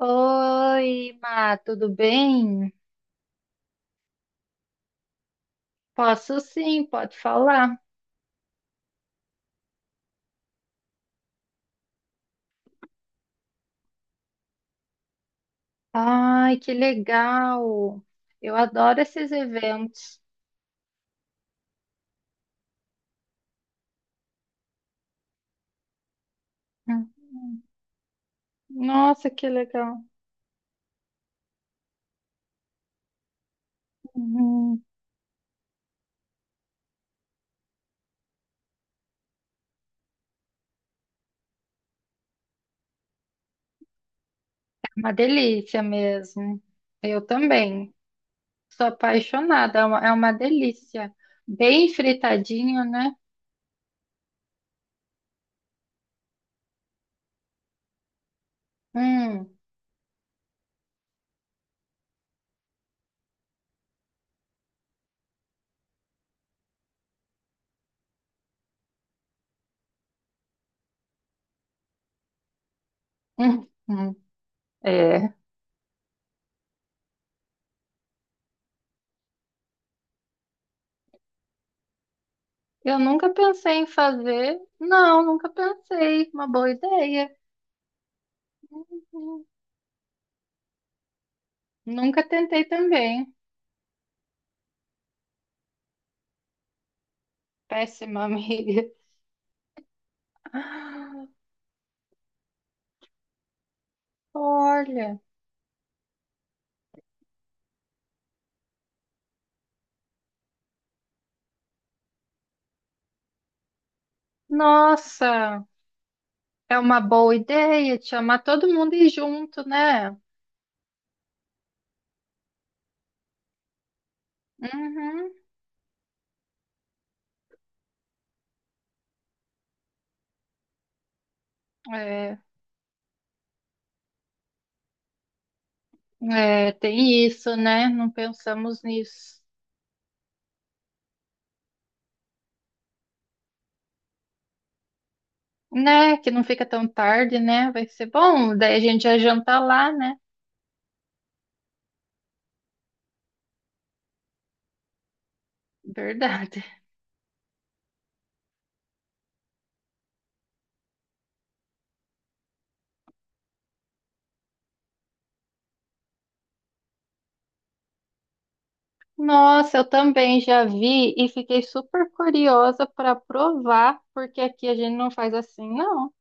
Oi, Má, tudo bem? Posso sim, pode falar. Ai, que legal! Eu adoro esses eventos. Hum. Nossa, que legal! Uhum. É uma delícia mesmo. Eu também. Sou apaixonada, é uma delícia. Bem fritadinho, né? Hum, hum, hum. É. Eu nunca pensei em fazer. Não, nunca pensei. Uma boa ideia. Hum. Nunca tentei também. Péssima amiga. Olha, nossa, é uma boa ideia te chamar todo mundo e ir junto, né? Uhum, é, tem isso, né? Não pensamos nisso, né? Que não fica tão tarde, né? Vai ser bom, daí a gente já janta lá, né? Verdade. Nossa, eu também já vi e fiquei super curiosa para provar, porque aqui a gente não faz assim, não.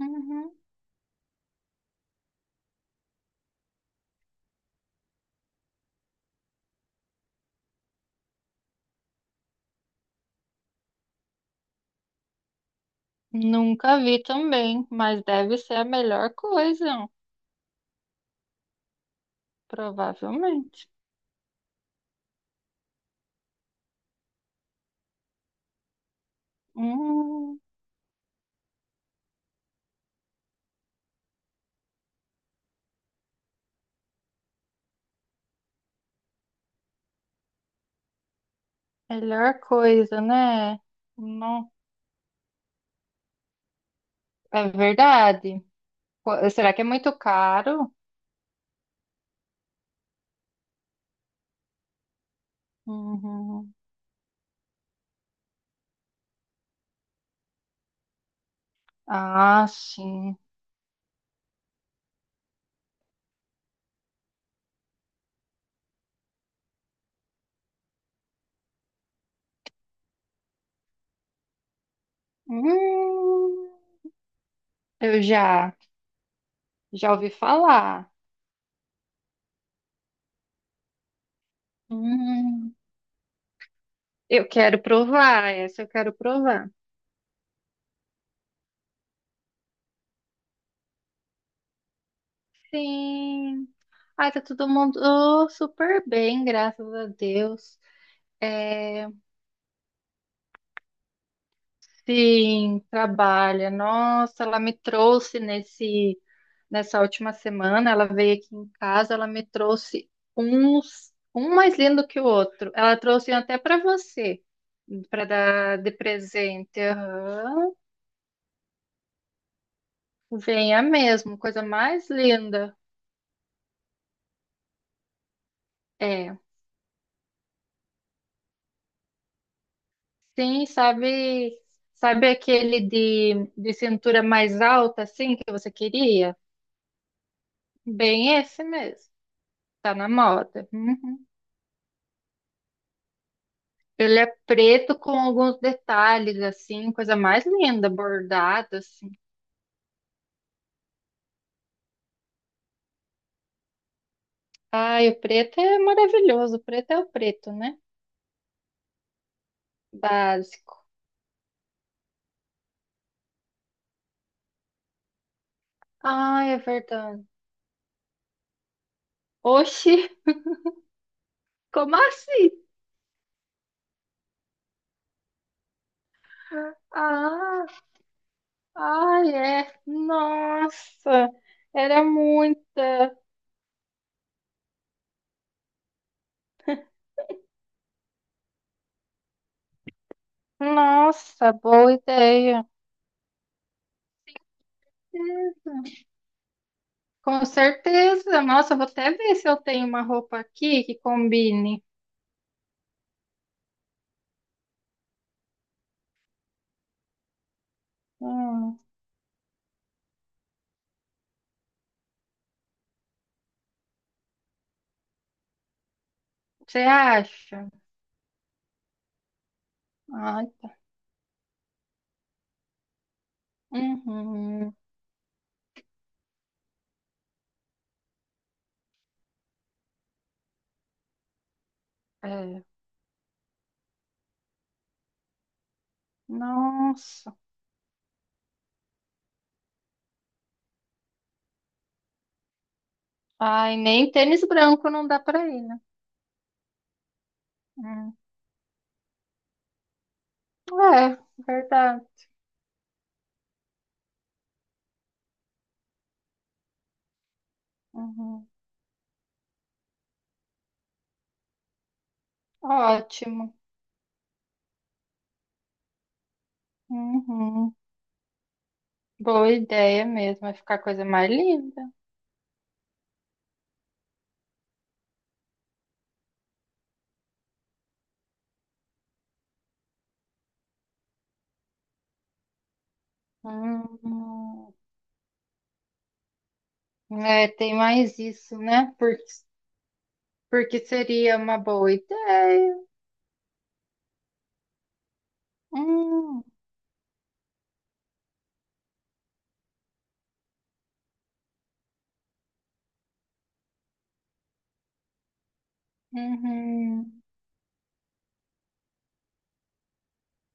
Uhum. Nunca vi também, mas deve ser a melhor coisa, provavelmente. Hum, melhor coisa, né? Não, é verdade. Será que é muito caro? Uhum. Ah, sim. Hum, eu já, já ouvi falar. Hum, eu quero provar, essa eu quero provar. Sim. Ai, tá todo mundo oh, super bem, graças a Deus. É, sim, trabalha. Nossa, ela me trouxe nesse nessa última semana, ela veio aqui em casa, ela me trouxe uns um mais lindo que o outro. Ela trouxe até para você, para dar de presente. Aham. Venha mesmo, coisa mais linda. É. Sim, sabe, sabe aquele de cintura mais alta assim que você queria? Bem esse mesmo. Tá na moda. Hum. Ele é preto com alguns detalhes, assim, coisa mais linda, bordado, assim. Ai, o preto é maravilhoso. O preto é o preto, né? Básico. Ai, é verdade. Oxi, como assim? Ah, ai, é. Nossa, era muito. Nossa, boa ideia. Com certeza. Nossa, vou até ver se eu tenho uma roupa aqui que combine. Hum, você acha? Ah, tá. Uhum. É. Nossa. Ai, nem tênis branco não dá pra ir, né? Hum. É, verdade. Uhum. Ótimo. Uhum. Boa ideia mesmo. Vai ficar a coisa mais linda. Hum. É, tem mais isso, né? Porque, porque seria uma boa ideia. Hum. Uhum.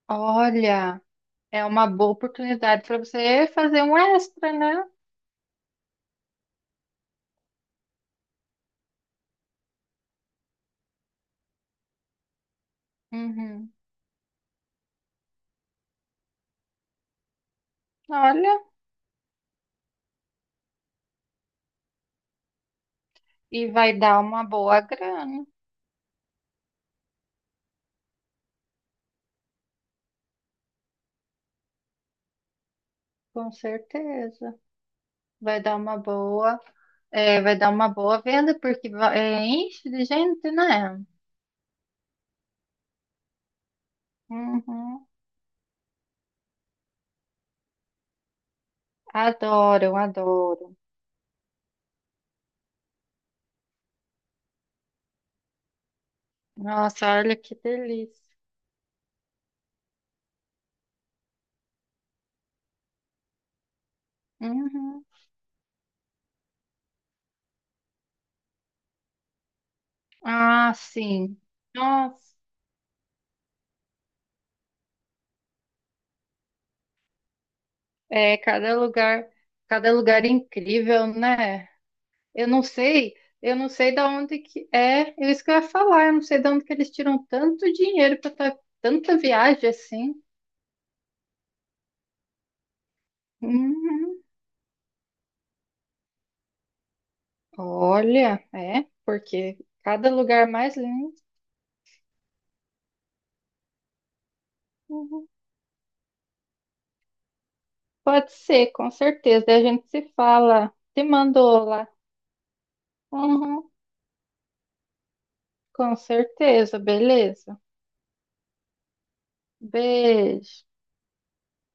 Olha, é uma boa oportunidade para você fazer um extra, né? Uhum. Olha, e vai dar uma boa grana. Com certeza. Vai dar uma boa, vai dar uma boa venda, porque é, enche de gente, né? Uhum. Adoro, adoro. Nossa, olha que delícia. Uhum. Ah, sim. Nossa, é cada lugar incrível, né? Eu não sei, eu não sei da onde que é, é isso que eu ia falar, eu não sei de onde que eles tiram tanto dinheiro para tanta viagem assim. Uhum. Olha, é, porque cada lugar mais lindo uhum, pode ser, com certeza. Daí a gente se fala, te mandou lá. Uhum, com certeza, beleza. Beijo.